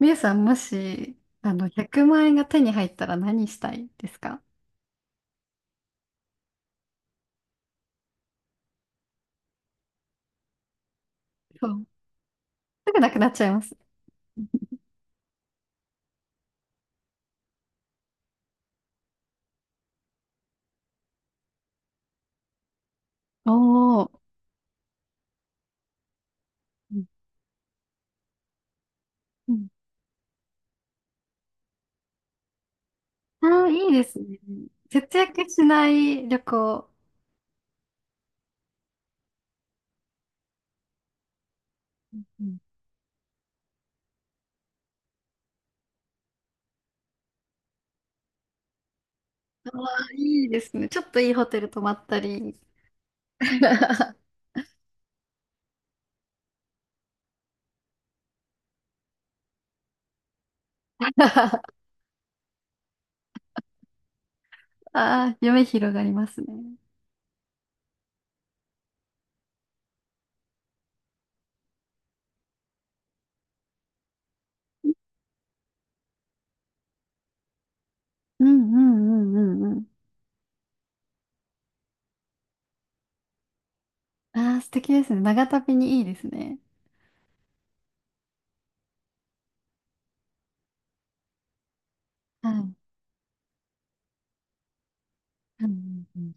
みゆさん、もし、100万円が手に入ったら何したいですか？そう。すぐなくなっちゃいます。おー。うんうん。あー、いいですね。節約しない旅行。うん。あー、いいですね。ちょっといいホテル泊まったり。あー、夢広がりますね。うんうんうんうんうん。あー、素敵ですね。長旅にいいですね。はい。うんうんうん。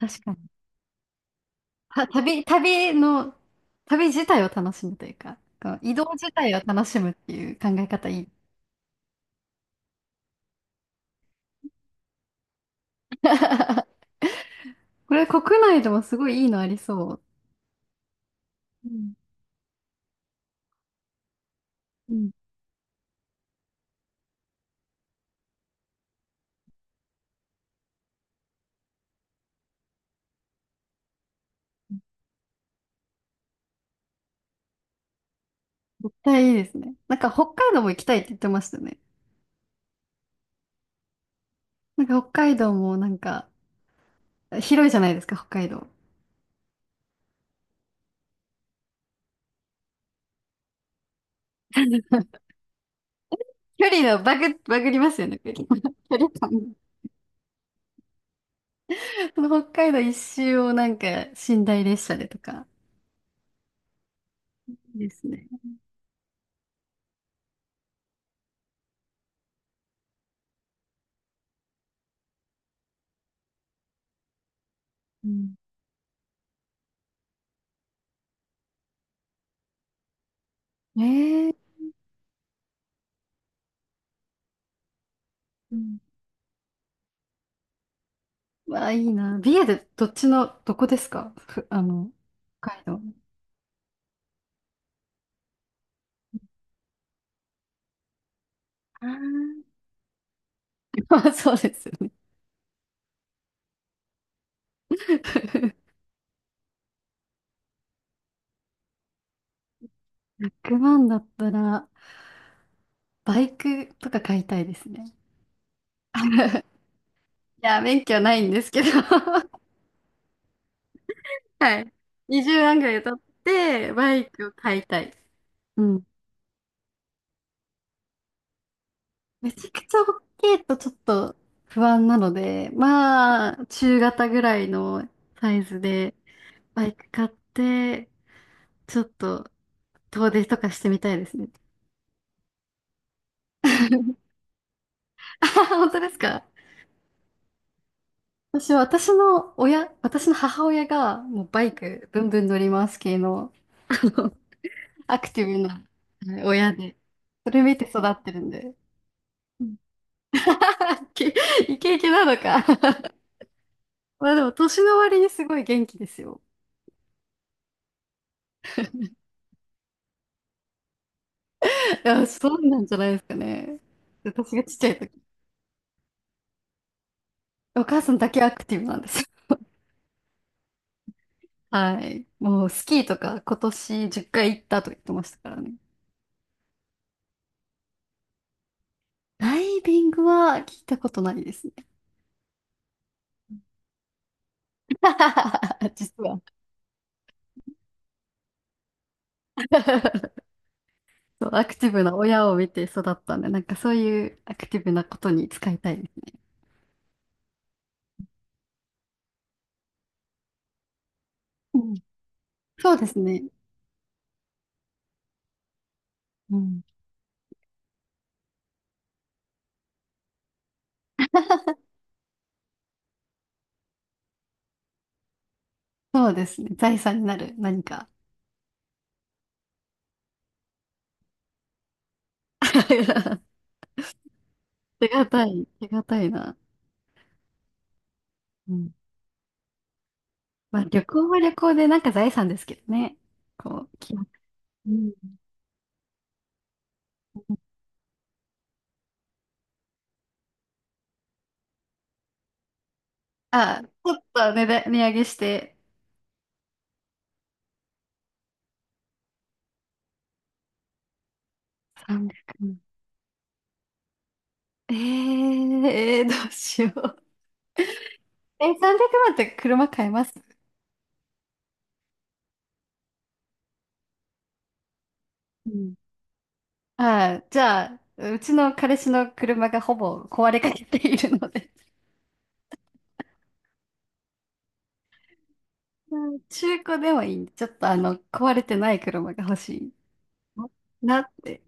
確かに。た旅、旅の、旅自体を楽しむというか、この移動自体を楽しむっていう考え方いい。これ国内でもすごいいいのありそう。うん。うん。絶対いいですね。なんか北海道も行きたいって言ってましたね。なんか北海道もなんか広いじゃないですか、北海道。距離のバグ、バグりますよね、距離 距離感。その北海道一周をなんか寝台列車でとか。いいですね。うん。ええ。わあ、いいな。美瑛でどっちの、どこですか？ふ、あの、北海道。あー あ、そうですよね。100万だったら、バイクとか買いたいですね。いや、免許ないんですけど はい。20万ぐらい取って、バイクを買いたい。うん。めちゃくちゃ大きいとちょっと不安なので、まあ、中型ぐらいのサイズで、バイク買って、ちょっと遠出とかしてみたいですね。あはは、本当ですか？私は私の母親がもうバイクブンブン乗ります系の、あのアクティブなはい親で、それ見て育ってるんで。うん。 イケイケ。イケなのか。 まあでも年の割にすごい元気ですよ。いや、そうなんじゃないですかね。私がちっちゃい時。お母さんだけアクティブなんです。はい。もうスキーとか今年10回行ったと言ってましたからね。ダイビングは聞いたことないですね。実は。そうアクティブな親を見て育ったんで、なんかそういうアクティブなことに使いたいです。うん。そうですね。うん。そうですね。財産になる何か。手堅い、手堅いな。うん。まあ旅行は旅行でなんか財産ですけどね。こう、きうん。あ、ちょっと値段、値上げして。300。うん。どうしよう。え、300万って車買えますうん。ああ、じゃあ、うちの彼氏の車がほぼ壊れかけているので、うん、中古でもいいんで、ちょっと壊れてない車が欲しいなって。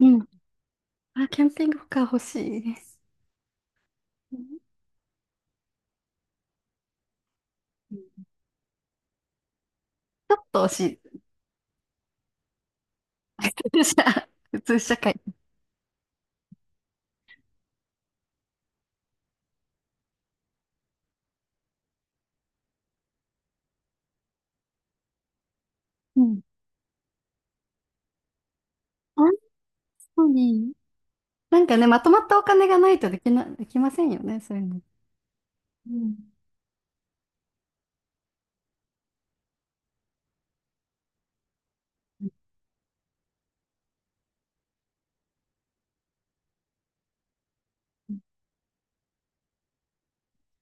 うん。あ、キャンピングカー欲しいです。うん。ちょっと惜しい。普通。普通社会。うん。確かに。なんかね、まとまったお金がないとできませんよね、そういうの。うん。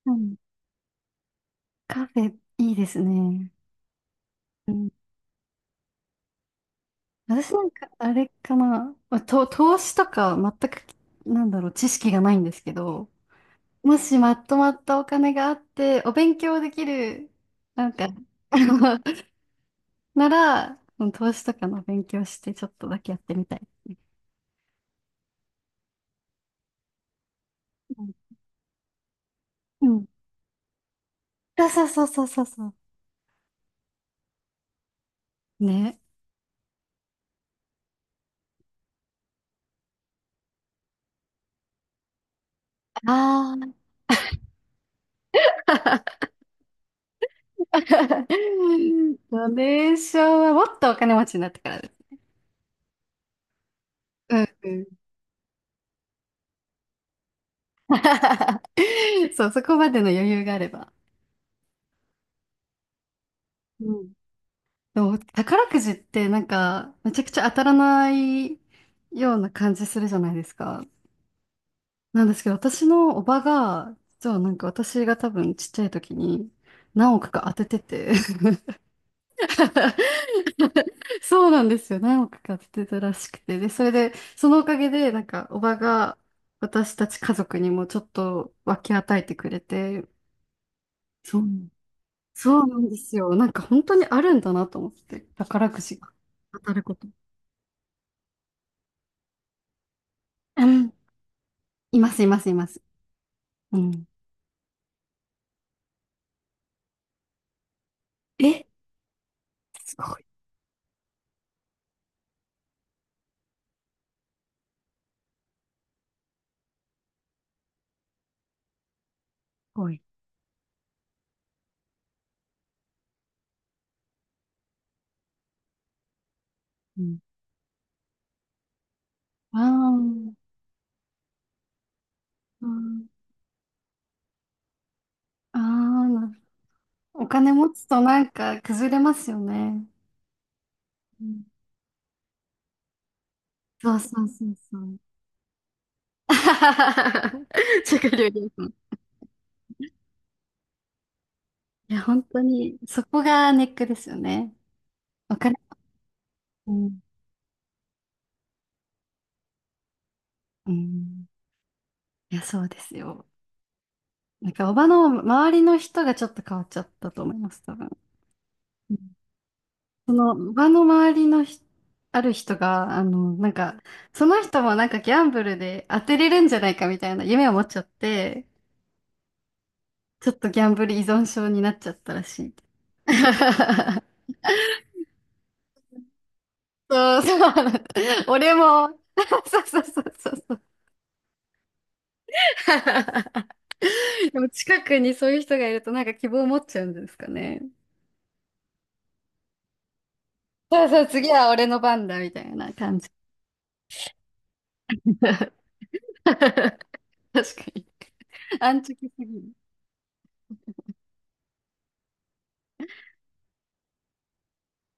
うん。カフェ、いいですね。うん。私なんか、あれかな、まあ、と、投資とか全く、なんだろう、知識がないんですけど、もしまとまったお金があって、お勉強できる、なんか、あのなら、うん、投資とかの勉強して、ちょっとだけやってみたいですね。うん。うん。そうそうそうそうそうそう。ね。ああ。ドネーションはもっとお金持ちになってからです。うんうん。そう、そこまでの余裕があれば。うん。そう、宝くじってなんか、めちゃくちゃ当たらないような感じするじゃないですか。なんですけど、私のおばが、実はなんか私が多分ちっちゃい時に何億か当ててて そうなんですよ。何億か当ててたらしくて。で、それで、そのおかげで、なんかおばが私たち家族にもちょっと分け与えてくれて、そう、そうなんですよ。なんか本当にあるんだなと思って、宝くじが当たること。います、います、います。うん。え、すごい。すごい。うん。あー。ああ。なお金持つとなんか崩れますよね。うん。そうそうそうそう。食料品。うん。いや、本当に、そこがネックですよね。お金、うん。うん。いや、そうですよ。なんか、おばの周りの人がちょっと変わっちゃったと思います、多分。その場の周りのひある人が、その人もなんかギャンブルで当てれるんじゃないかみたいな夢を持っちゃって、ちょっとギャンブル依存症になっちゃったらしい。そう、そうなんだ。俺も、そうそうそうそうそう。でも近くにそういう人がいるとなんか希望を持っちゃうんですかね。そうそう、次は俺の番だみたいな感じ。確かに。安直すぎる。